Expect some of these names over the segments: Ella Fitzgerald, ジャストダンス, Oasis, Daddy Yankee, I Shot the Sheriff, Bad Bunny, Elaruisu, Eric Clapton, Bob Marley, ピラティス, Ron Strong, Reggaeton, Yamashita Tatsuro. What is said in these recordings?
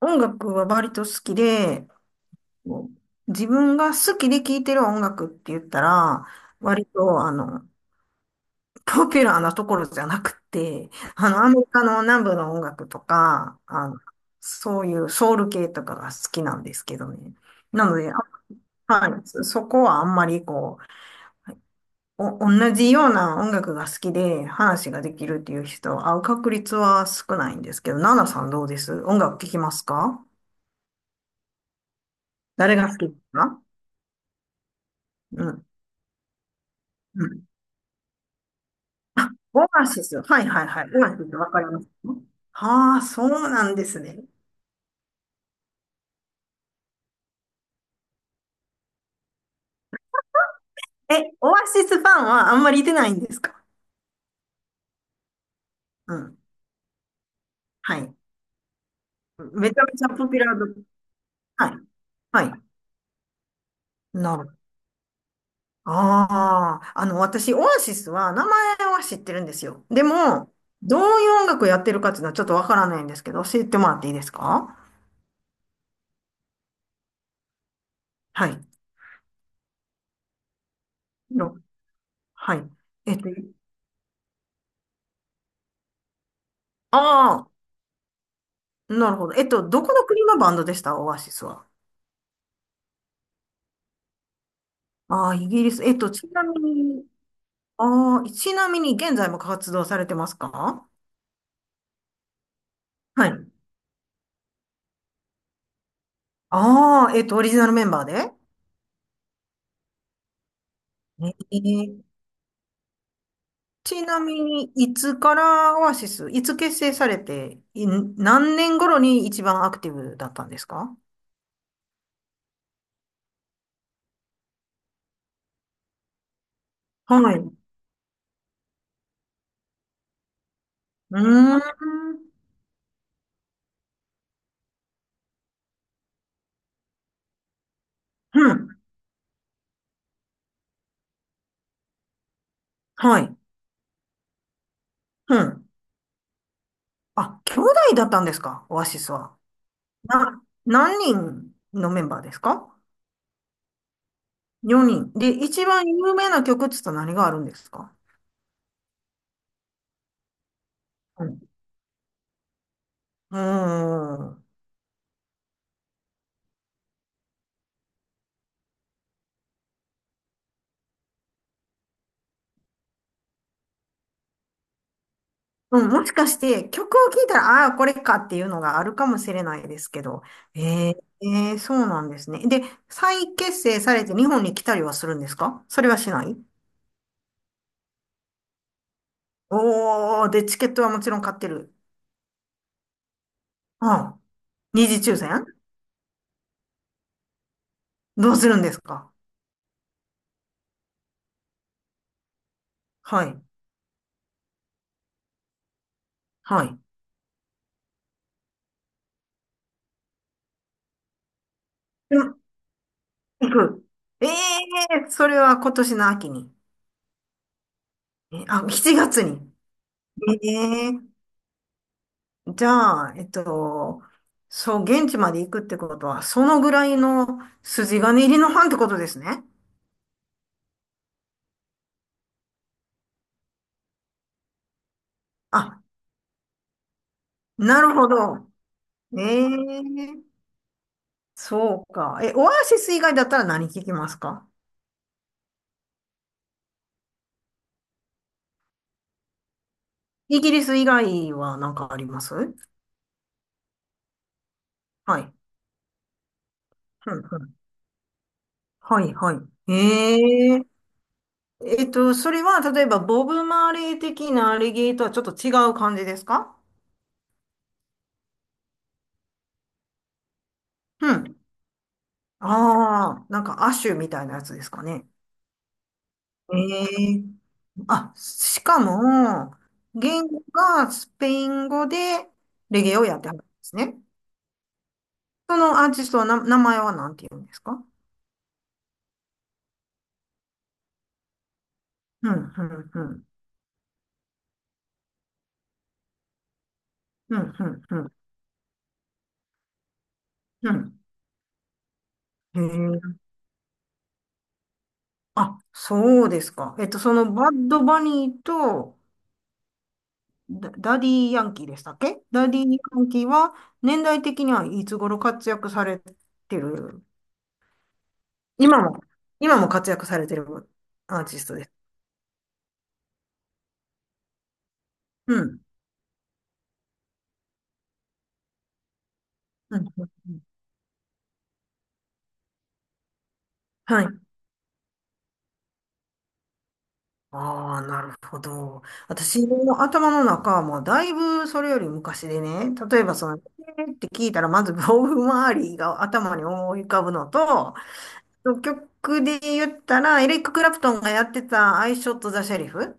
音楽は割と好きで、こう自分が好きで聴いてる音楽って言ったら、割と、ポピュラーなところじゃなくて、アメリカの南部の音楽とか、そういうソウル系とかが好きなんですけどね。なので、はい、そこはあんまり同じような音楽が好きで話ができるっていう人は会う確率は少ないんですけど、ナナさんどうです、音楽聴きますか？誰が好きですか？うん。うん、オアシス。はいはいはい。オアシス、わかります。はあ、そうなんですね。え、オアシスファンはあんまりいてないんですか？うん。はい。めちゃめちゃポピュラード。はい。はい。なるほど。ああ、私、オアシスは名前は知ってるんですよ。でも、どういう音楽やってるかっていうのはちょっとわからないんですけど、教えてもらっていいですか？はい。のはい。えっと、ああ、なるほど。えっと、どこの国のバンドでしたオアシスは。ああ、イギリス。えっと、ちなみに、ああ、ちなみに現在も活動されてますか？はい。ああ、えっと、オリジナルメンバーで？えー、ちなみに、いつからオアシス、いつ結成されて、何年頃に一番アクティブだったんですか？はい。うーん。うん。はい。うん。あ、兄弟だったんですかオアシスは。何人のメンバーですか？ 4 人。で、一番有名な曲っつったら何があるんですか？うん。うん、もしかして曲を聴いたら、ああー、これかっていうのがあるかもしれないですけど。えー、えーそうなんですね。で、再結成されて日本に来たりはするんですか？それはしない？おー、で、チケットはもちろん買ってる。ああ、二次抽選？どうするんですか？はい、はい。でも行く。ええ、それは今年の秋に。えあ、7月に。ええ、じゃあ、えっと、そう、現地まで行くってことは、そのぐらいの筋金入りのファンってことですね。あ、なるほど。ええ、そうか。え、オアシス以外だったら何聞きますか？イギリス以外は何かあります？はい。うんうん。はい、はい。ええ、えっと、それは、例えば、ボブ・マーレー的なアレゲーとはちょっと違う感じですか？うん。ああ、なんか、アッシュみたいなやつですかね。ええ、あ、しかも、言語がスペイン語でレゲエをやってはるんですね。そのアーティストは名前は何て言うんですか？うん、うん、うん。うん、うん、うん。うん、へえ。あ、そうですか。えっと、そのバッドバニーとダディ・ヤンキーでしたっけ、ダディ・ヤンキーは年代的にはいつ頃活躍されてる？今も、今も活躍されてるアーティストです。うん。うん、うんうん、はい。ああ、なるほど。私の頭の中はもうだいぶそれより昔でね、例えばその、えーって聞いたらまず ボブ・マーリーが頭に思い浮かぶのと、曲で言ったらエリック・クラプトンがやってたアイショット・ザ・シェリフ、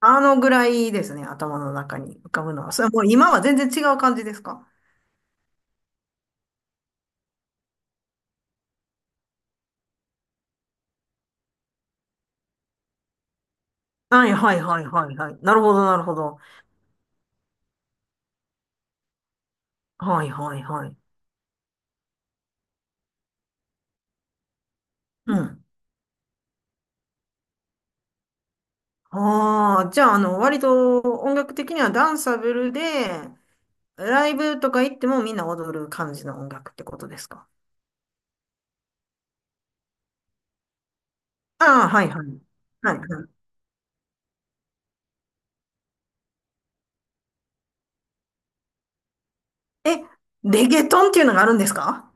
あのぐらいですね、頭の中に浮かぶのは。それはもう今は全然違う感じですか？はいはいはいはいはい。なるほどなるほど。はいはいはい。うん。ああ、じゃあ、割と音楽的にはダンサブルで、ライブとか行ってもみんな踊る感じの音楽ってことですか？ああ、はいはい。はいはい。え、レゲトンっていうのがあるんですか？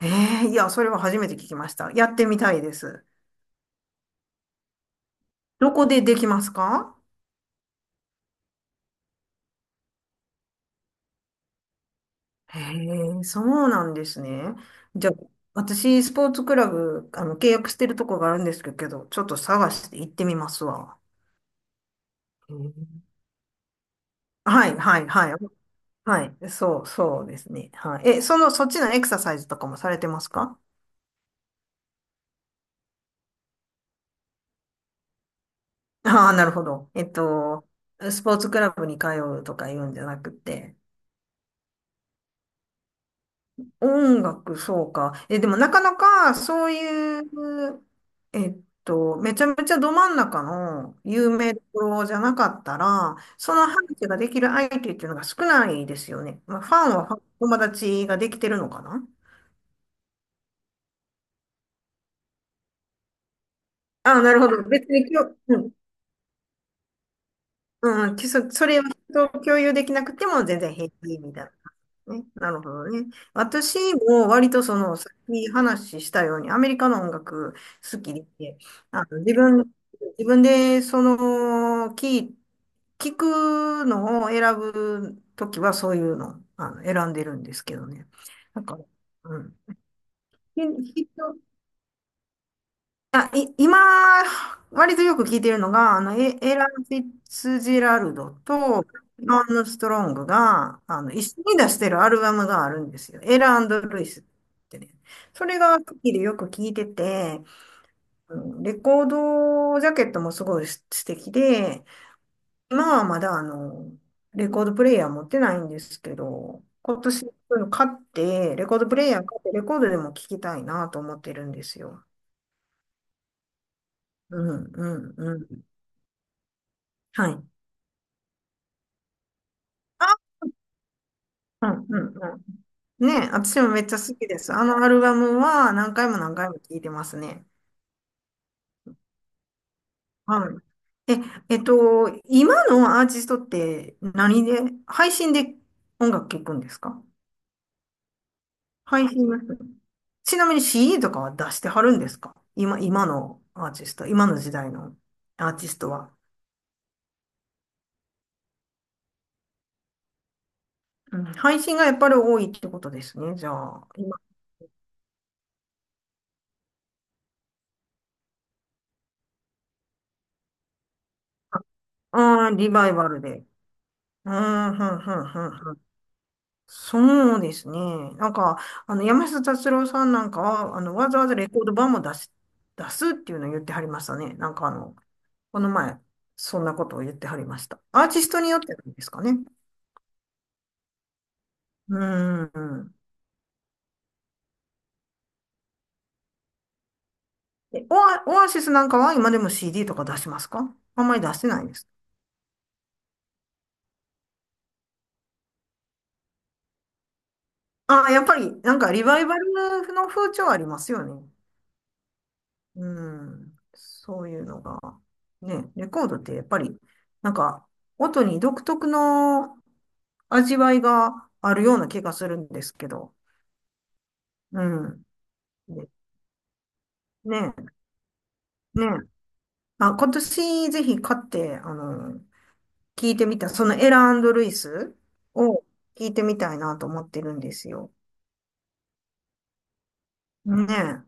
ええ、いや、それは初めて聞きました。やってみたいです。どこでできますか？へえ、そうなんですね。じゃあ、私、スポーツクラブ、契約してるとこがあるんですけど、ちょっと探して行ってみますわ。へえ、はい、はい、はい。はい。そう、そうですね。はい。え、その、そっちのエクササイズとかもされてますか？ああ、なるほど。えっと、スポーツクラブに通うとか言うんじゃなくて、音楽、そうか。え、でもなかなかそういう、えっと、めちゃめちゃど真ん中の有名どころじゃなかったら、その話ができる相手っていうのが少ないですよね。まあ、ファンはファン友達ができてるのかな？ああ、なるほど。別に今日、うん、うん、それを人と共有できなくても全然平気みたいな。ね、なるほどね。私も割とその、さっき話したように、アメリカの音楽好きで、自分、自分でその、聞い、聞くのを選ぶときはそういうの、選んでるんですけどね。なんか、うん。ひ人今、割とよく聞いてるのが、エラン・フィッツジェラルドと、ロン・ストロングが、一緒に出してるアルバムがあるんですよ。エラルイスってね。それが好きでよく聞いてて、うん、レコードジャケットもすごい素敵で、今はまだあの、レコードプレイヤー持ってないんですけど、今年そういうの買って、レコードプレイヤー買って、レコードでも聞きたいなと思ってるんですよ。うん、うん、うん。はい。あ、うんうんうん。ね、私もめっちゃ好きです。あのアルバムは何回も何回も聴いてますね。はい。え、えっと、今のアーティストって何で、配信で音楽聴くんですか？配信です。ちなみに CD とかは出してはるんですか、今、今のアーティスト、今の時代のアーティストは。うん、配信がやっぱり多いってことですね。じゃあ、今、ああリバイバルで。うん、うん、うん、うん、うん。そうですね。なんか、山下達郎さんなんかは、わざわざレコード版も出す、出すっていうのを言ってはりましたね。なんかあの、この前、そんなことを言ってはりました。アーティストによってなんですかね。うーん。え、オアシスなんかは今でも CD とか出しますか、あんまり出してないです。ああ、やっぱり、なんかリバイバルの風潮ありますよね。うん。そういうのが。ね、レコードってやっぱり、なんか、音に独特の味わいがあるような気がするんですけど。うん。で、ねえ、え、ねあ、今年ぜひ買って、聞いてみた、そのエラルイスを聞いてみたいなと思ってるんですよ。ねえ。